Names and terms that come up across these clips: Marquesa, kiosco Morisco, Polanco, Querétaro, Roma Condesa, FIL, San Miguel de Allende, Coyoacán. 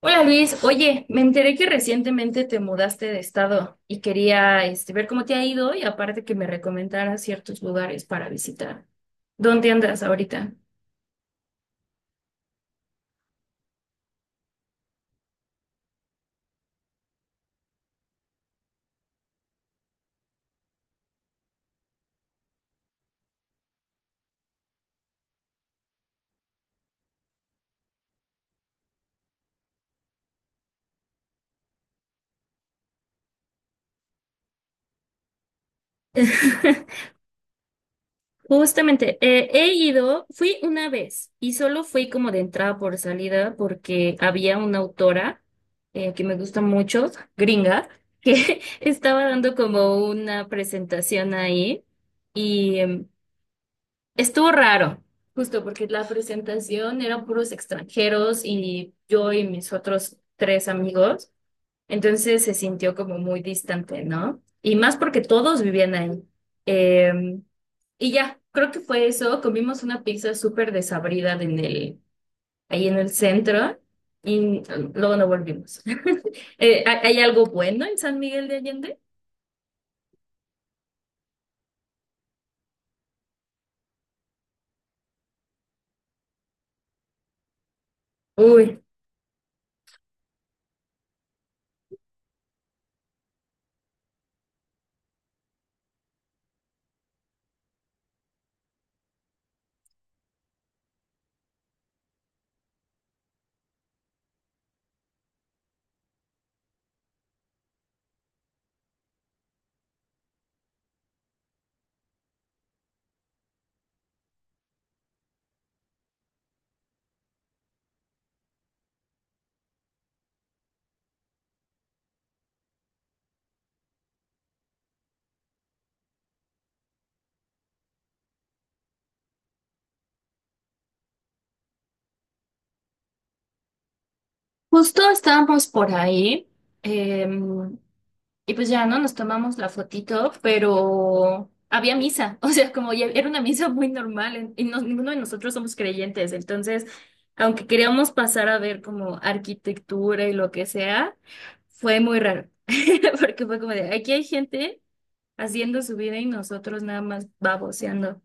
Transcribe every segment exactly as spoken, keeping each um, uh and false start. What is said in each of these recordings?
Hola Luis, oye, me enteré que recientemente te mudaste de estado y quería este, ver cómo te ha ido y aparte que me recomendaras ciertos lugares para visitar. ¿Dónde andas ahorita? Justamente, eh, he ido, fui una vez y solo fui como de entrada por salida porque había una autora eh, que me gusta mucho, gringa, que estaba dando como una presentación ahí y em, estuvo raro, justo porque la presentación eran puros extranjeros y yo y mis otros tres amigos, entonces se sintió como muy distante, ¿no? Y más porque todos vivían ahí. Eh, y ya, creo que fue eso. Comimos una pizza súper desabrida en el, ahí en el centro y luego no volvimos. Eh, ¿hay hay algo bueno en San Miguel de Allende? Uy, justo estábamos por ahí. em, Y pues ya, ¿no? Nos tomamos la fotito, pero había misa, o sea, como ya era una misa muy normal en- y no- ninguno de nosotros somos creyentes, entonces, aunque queríamos pasar a ver como arquitectura y lo que sea, fue muy raro, porque fue como de, aquí hay gente haciendo su vida y nosotros nada más baboseando.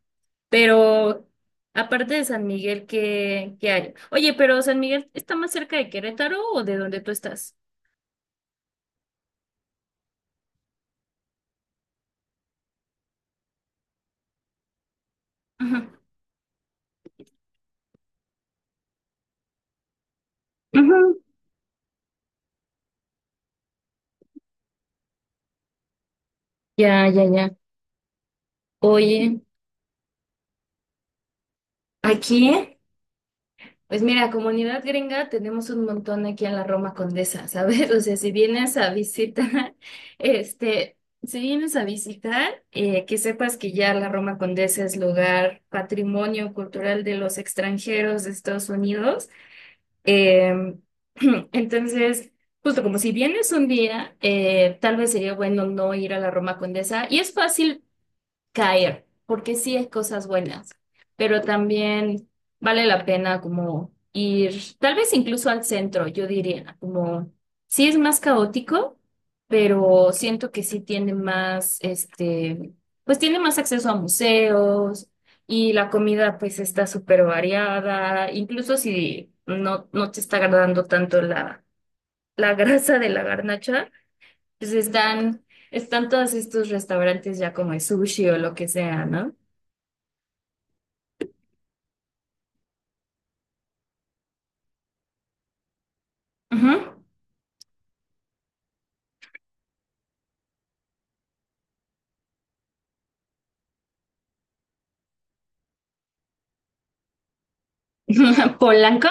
Pero aparte de San Miguel, ¿qué, qué hay? Oye, ¿pero San Miguel está más cerca de Querétaro o de donde tú estás? Ujú. Ujú. Ya, ya, ya. Oye, aquí, ¿eh? Pues mira, comunidad gringa tenemos un montón aquí en la Roma Condesa, ¿sabes? O sea, si vienes a visitar, este, si vienes a visitar, eh, que sepas que ya la Roma Condesa es lugar patrimonio cultural de los extranjeros de Estados Unidos. Em, entonces, justo como si vienes un día, eh, tal vez sería bueno no ir a la Roma Condesa. Y es fácil caer, porque sí es cosas buenas, pero también vale la pena como ir, tal vez incluso al centro, yo diría, como sí es más caótico, pero siento que sí tiene más, este, pues tiene más acceso a museos y la comida pues está súper variada, incluso si no, no te está agradando tanto la, la grasa de la garnacha, pues están... Están todos estos restaurantes ya como de sushi o lo que sea, ¿no? Ujú. Polanco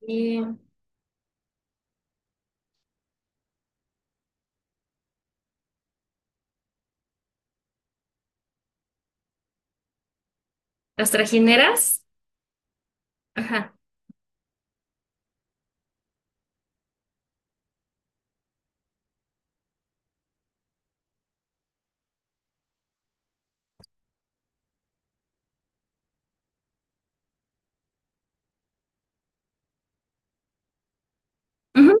y las trajineras. Ajá. Ujú.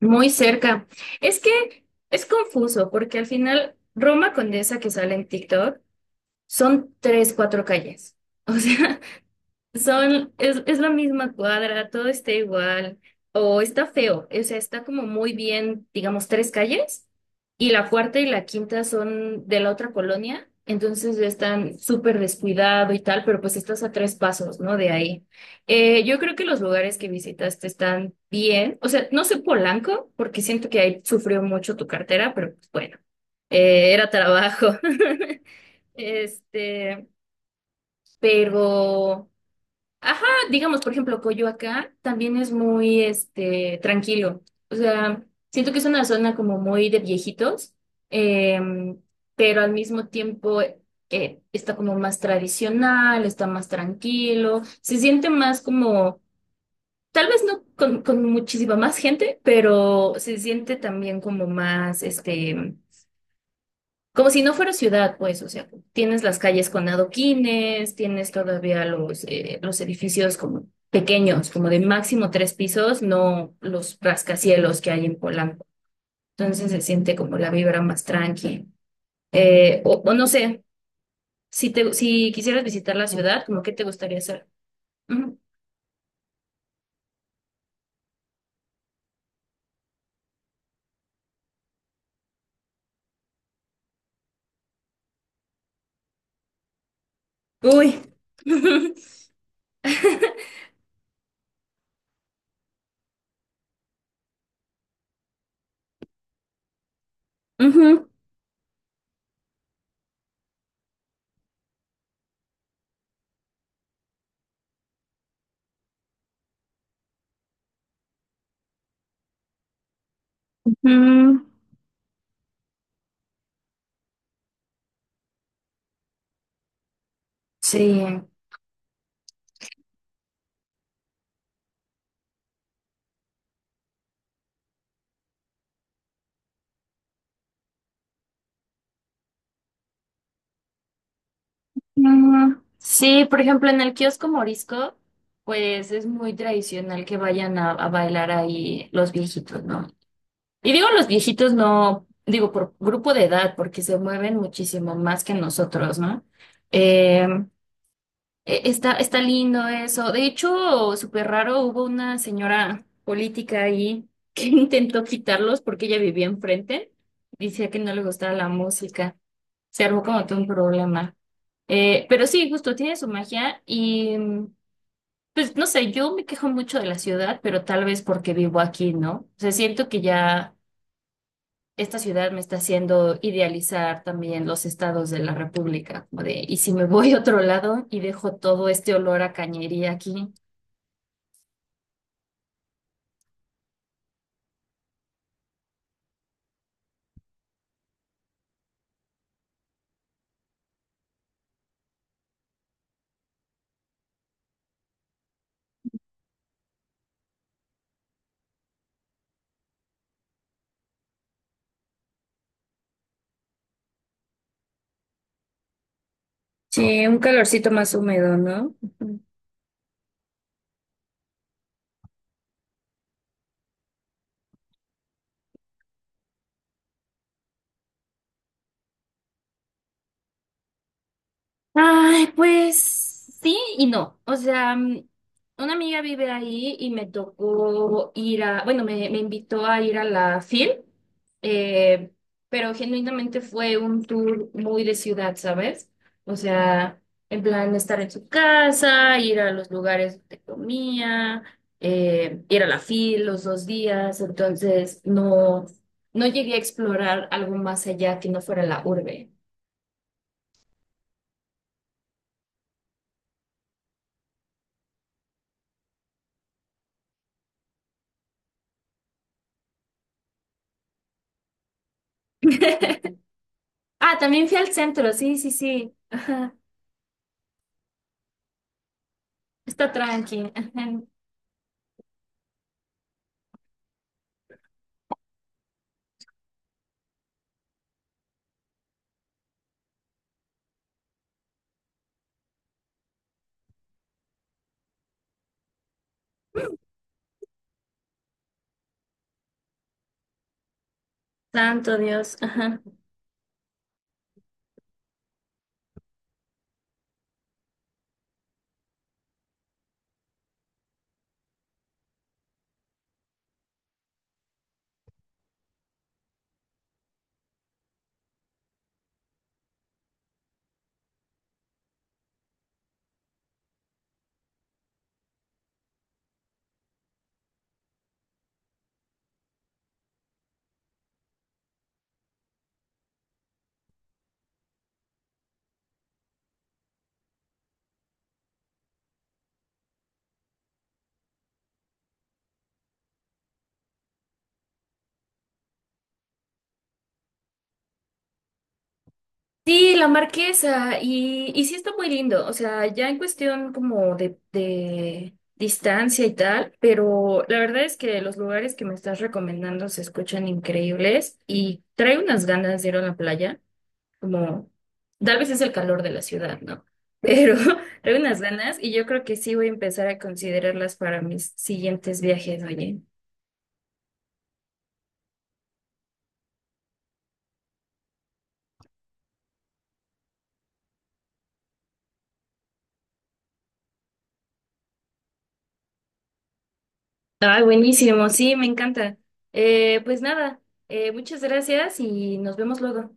Muy cerca. Es que es confuso porque al final Roma Condesa que sale en TikTok son tres, cuatro calles. O sea, son, es, es la misma cuadra, todo está igual, o está feo, o sea, está como muy bien, digamos, tres calles, y la cuarta y la quinta son de la otra colonia, entonces ya están súper descuidado y tal, pero pues estás a tres pasos, ¿no? De ahí. Eh, yo creo que los lugares que visitaste están bien, o sea, no sé Polanco, porque siento que ahí sufrió mucho tu cartera, pero pues bueno, eh, era trabajo. Este, pero... Ajá, digamos, por ejemplo, Coyoacán también es muy, este, tranquilo. O sea, siento que es una zona como muy de viejitos, em, pero al mismo tiempo eh, eh, está como más tradicional, está más tranquilo, se siente más como, tal vez no con, con muchísima más gente, pero se siente también como más, este, como si no fuera ciudad, pues, o sea, tienes las calles con adoquines, tienes todavía los, eh, los edificios como pequeños, como de máximo tres pisos, no los rascacielos que hay en Polanco. Entonces se siente como la vibra más tranqui. Eh, o, o no sé, si te, ¿si quisieras visitar la ciudad, como qué te gustaría hacer? Ujú. Uy. Ujú, ujú. Sí. Ujú. Sí, por ejemplo, en el kiosco Morisco, pues es muy tradicional que vayan a, a bailar ahí los viejitos, ¿no? Y digo los viejitos, no, digo por grupo de edad, porque se mueven muchísimo más que nosotros, ¿no? Eh, eh, está, está lindo eso. De hecho, súper raro, hubo una señora política ahí que intentó quitarlos porque ella vivía enfrente. Decía que no le gustaba la música. Se armó como todo un problema. Eh, pero sí, justo tiene su magia y mm, pues no sé, yo me quejo mucho de la ciudad, pero tal vez porque vivo aquí, ¿no? O sea, siento que ya esta ciudad me está haciendo idealizar también los estados de la República, como de, y si me voy a otro lado y dejo todo este olor a cañería aquí. Sí, un calorcito más húmedo, ¿no? Ay, pues sí y no. O sea, mm, una amiga vive ahí y me tocó ir a, bueno, me, me invitó a ir a la FIL, eh, pero genuinamente fue un tour muy de ciudad, ¿sabes? O sea, en plan estar en su casa, ir a los lugares donde comía, eh, ir a la FIL los dos días, entonces no, no llegué a explorar algo más allá que no fuera la urbe. Ah, también fui al centro, sí, sí, sí. Ajá. Está tranqui. Ajá. Santo Dios. Ajá. Sí, la Marquesa. Y, y sí está muy lindo. O sea, ya en cuestión como de, de distancia y tal. Pero la verdad es que los lugares que me estás recomendando se escuchan increíbles. Y trae unas ganas de ir a la playa. Como, tal vez es el calor de la ciudad, ¿no? Pero trae unas ganas. Y yo creo que sí voy a empezar a considerarlas para mis siguientes viajes, oye. Ah, buenísimo, sí, me encanta. Eh, pues nada, eh, muchas gracias y nos vemos luego.